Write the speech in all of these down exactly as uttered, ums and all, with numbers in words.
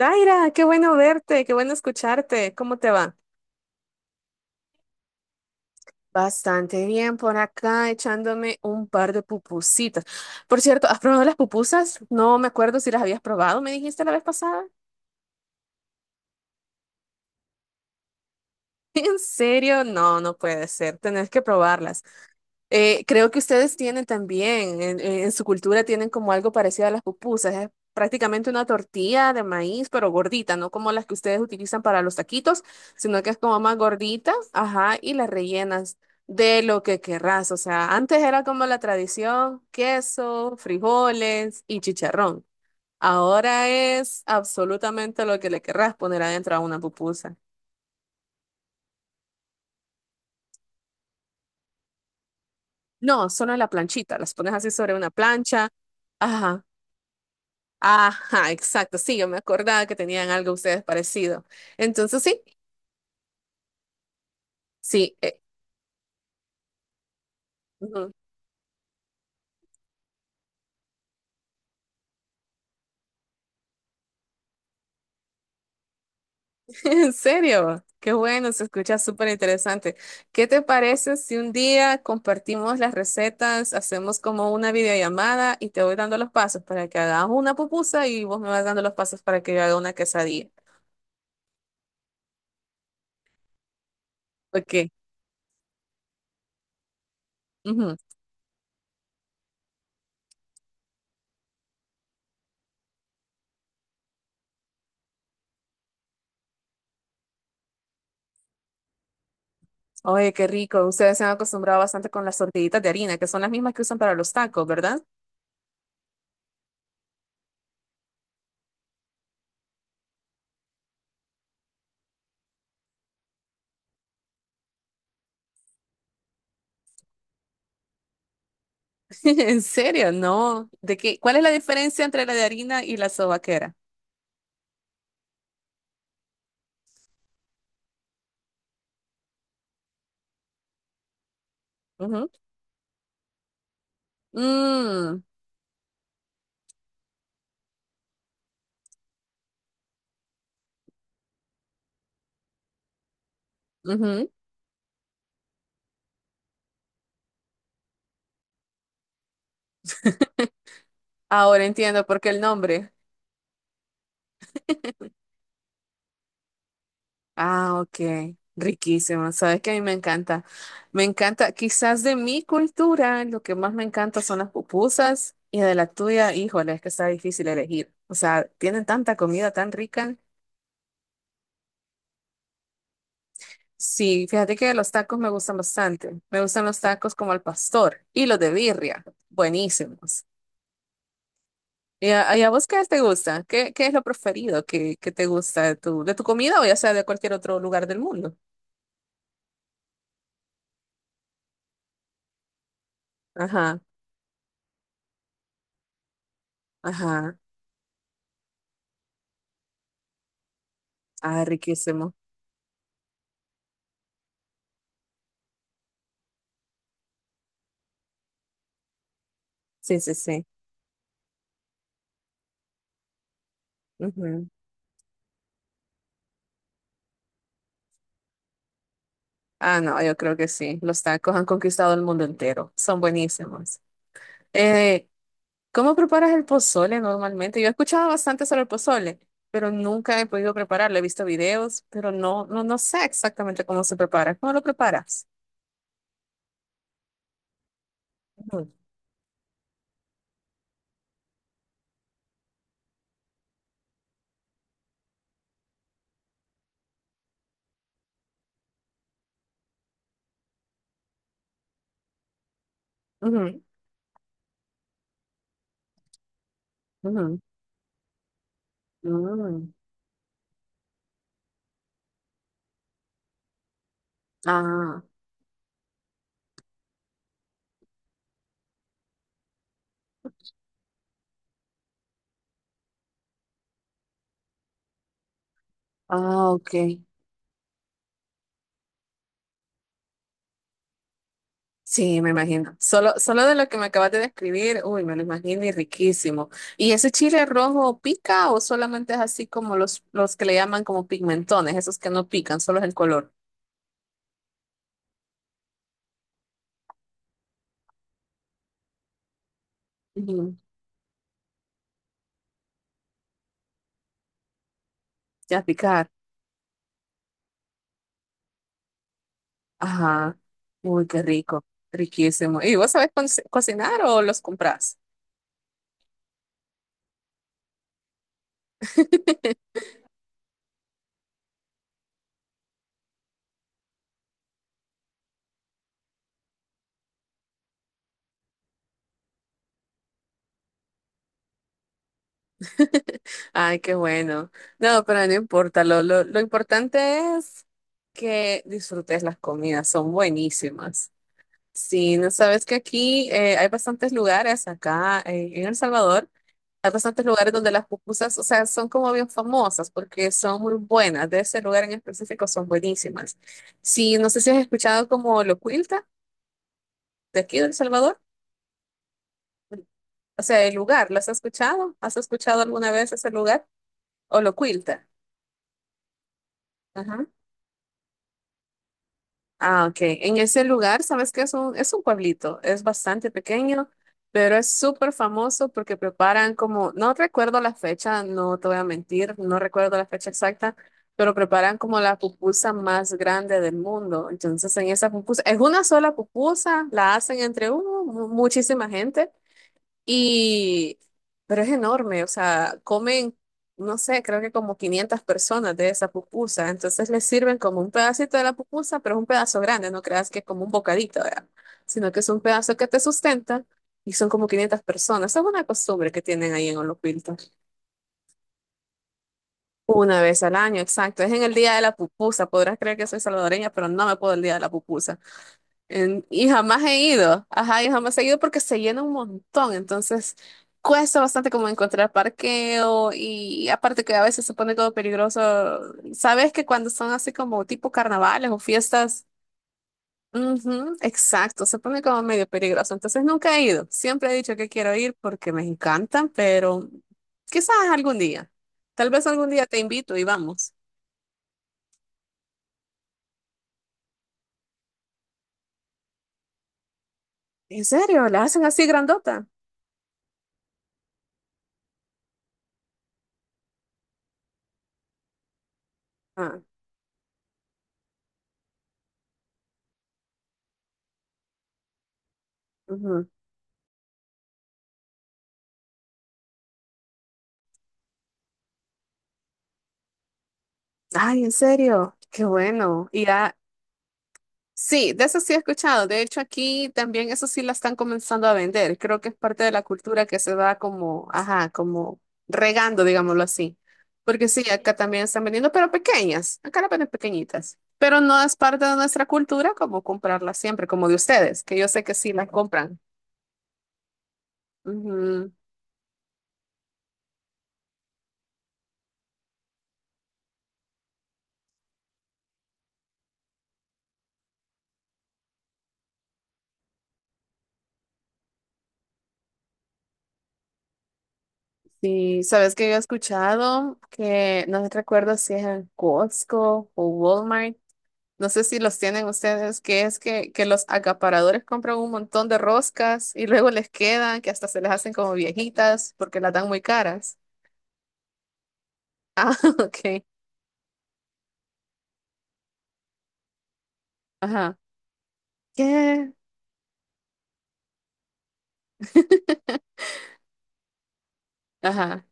Daira, qué bueno verte, qué bueno escucharte. ¿Cómo te va? Bastante bien por acá, echándome un par de pupusitas. Por cierto, ¿has probado las pupusas? No me acuerdo si las habías probado, me dijiste la vez pasada. ¿En serio? No, no puede ser. Tenés que probarlas. Eh, creo que ustedes tienen también, en, en en su cultura tienen como algo parecido a las pupusas. Es prácticamente una tortilla de maíz, pero gordita, no como las que ustedes utilizan para los taquitos, sino que es como más gordita, ajá, y las rellenas de lo que querrás. O sea, antes era como la tradición, queso, frijoles y chicharrón. Ahora es absolutamente lo que le querrás poner adentro a una pupusa. No, solo en la planchita, las pones así sobre una plancha. Ajá. Ajá, exacto. Sí, yo me acordaba que tenían algo ustedes parecido. Entonces, sí, sí. Eh, ujú. En serio, qué bueno, se escucha súper interesante. ¿Qué te parece si un día compartimos las recetas, hacemos como una videollamada y te voy dando los pasos para que hagas una pupusa y vos me vas dando los pasos para que yo haga una quesadilla? Ok. Ujú. Oye, qué rico. Ustedes se han acostumbrado bastante con las tortillitas de harina, que son las mismas que usan para los tacos, ¿verdad? ¿En serio? No. ¿De qué? ¿Cuál es la diferencia entre la de harina y la sobaquera? Ujú. Mm, ujú. Ahora entiendo por qué el nombre. Ah, ok. Riquísimo. Sabes que a mí me encanta. Me encanta, quizás de mi cultura, lo que más me encanta son las pupusas y de la tuya, híjole, es que está difícil elegir. O sea, tienen tanta comida tan rica. Sí, fíjate que los tacos me gustan bastante. Me gustan los tacos como al pastor y los de birria. Buenísimos. ¿Y a, y a vos qué te gusta? ¿Qué, qué es lo preferido que, que te gusta de tu, de tu comida o ya sea de cualquier otro lugar del mundo? Ajá, ajá. Ah, riquísimo. Sí, sí, sí. Ujú. Ah, no, yo creo que sí. Los tacos han conquistado el mundo entero. Son buenísimos. Eh, ¿cómo preparas el pozole normalmente? Yo he escuchado bastante sobre el pozole, pero nunca he podido prepararlo. He visto videos, pero no, no, no sé exactamente cómo se prepara. ¿Cómo lo preparas? Ujú, ujú, ujú. Mm. Ah. Ah, ok. Sí, me imagino. Solo, solo de lo que me acabas de describir, uy, me lo imagino y riquísimo. ¿Y ese chile rojo pica o solamente es así como los, los que le llaman como pigmentones, esos que no pican, solo es el color? Ujú, ya picar. Ajá. Uy, qué rico. Riquísimo. ¿Y vos sabés conci- cocinar o los comprás? Ay, qué bueno. No, pero no importa. Lo, lo, lo importante es que disfrutes las comidas. Son buenísimas. Sí, no sabes que aquí eh, hay bastantes lugares acá eh, en El Salvador, hay bastantes lugares donde las pupusas, o sea, son como bien famosas porque son muy buenas, de ese lugar en específico son buenísimas. Sí, no sé si has escuchado como Locuilta de aquí de El Salvador, o sea, el lugar, ¿las has escuchado? ¿Has escuchado alguna vez ese lugar? O Locuilta. Ajá. Ah, ok. En ese lugar, sabes que es un, es un pueblito, es bastante pequeño, pero es súper famoso porque preparan como, no recuerdo la fecha, no te voy a mentir, no recuerdo la fecha exacta, pero preparan como la pupusa más grande del mundo. Entonces, en esa pupusa, es una sola pupusa, la hacen entre uno, mu- muchísima gente, y, pero es enorme, o sea, comen, no sé, creo que como quinientas personas de esa pupusa. Entonces les sirven como un pedacito de la pupusa, pero es un pedazo grande, no creas que es como un bocadito, ¿verdad? Sino que es un pedazo que te sustenta y son como quinientas personas. Es una costumbre que tienen ahí en Olopilto. Una vez al año, exacto. Es en el día de la pupusa. Podrás creer que soy salvadoreña, pero no me puedo el día de la pupusa. En- y jamás he ido, ajá, y jamás he ido porque se llena un montón, entonces cuesta bastante como encontrar parqueo y aparte que a veces se pone todo peligroso. Sabes que cuando son así como tipo carnavales o fiestas, ujú, exacto, se pone como medio peligroso, entonces nunca he ido. Siempre he dicho que quiero ir porque me encantan, pero quizás algún día, tal vez algún día te invito y vamos. ¿En serio? ¿La hacen así grandota? Ah, ujú. Ay, en serio, qué bueno. Y ya, sí, de eso sí he escuchado. De hecho, aquí también eso sí la están comenzando a vender. Creo que es parte de la cultura que se va como, ajá, como regando, digámoslo así. Porque sí, acá también están vendiendo, pero pequeñas. Acá las venden pequeñitas. Pero no es parte de nuestra cultura como comprarlas siempre, como de ustedes, que yo sé que sí las compran. Ujú. Sí, sabes que yo he escuchado que no recuerdo si es en Costco o Walmart. No sé si los tienen ustedes, que es que, que los acaparadores compran un montón de roscas y luego les quedan, que hasta se les hacen como viejitas porque las dan muy caras. Ah, ok. Ajá. ¿Qué? Ajá.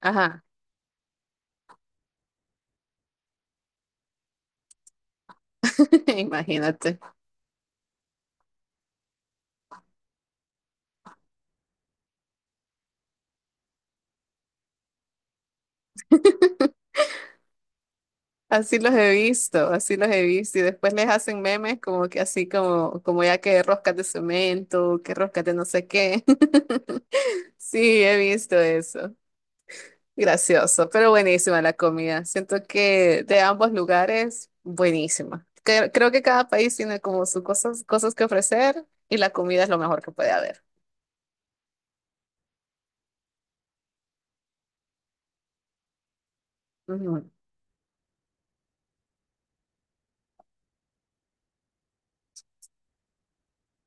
Ajá. Imagínate. Así los he visto, así los he visto. Y después les hacen memes como que así como, como ya que roscas de cemento, que roscas de no sé qué. Sí, he visto eso. Gracioso, pero buenísima la comida. Siento que de ambos lugares, buenísima. Cre- creo que cada país tiene como sus cosas, cosas que ofrecer y la comida es lo mejor que puede haber. Ujú.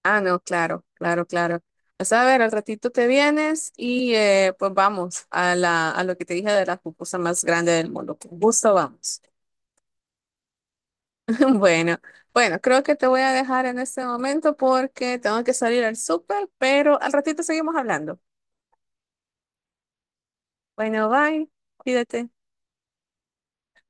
Ah, no, claro, claro, claro. Pues a ver, al ratito te vienes y eh, pues vamos a la, a lo que te dije de la pupusa más grande del mundo. Con gusto vamos. Bueno, bueno, creo que te voy a dejar en este momento porque tengo que salir al súper, pero al ratito seguimos hablando. Bueno, bye, cuídate.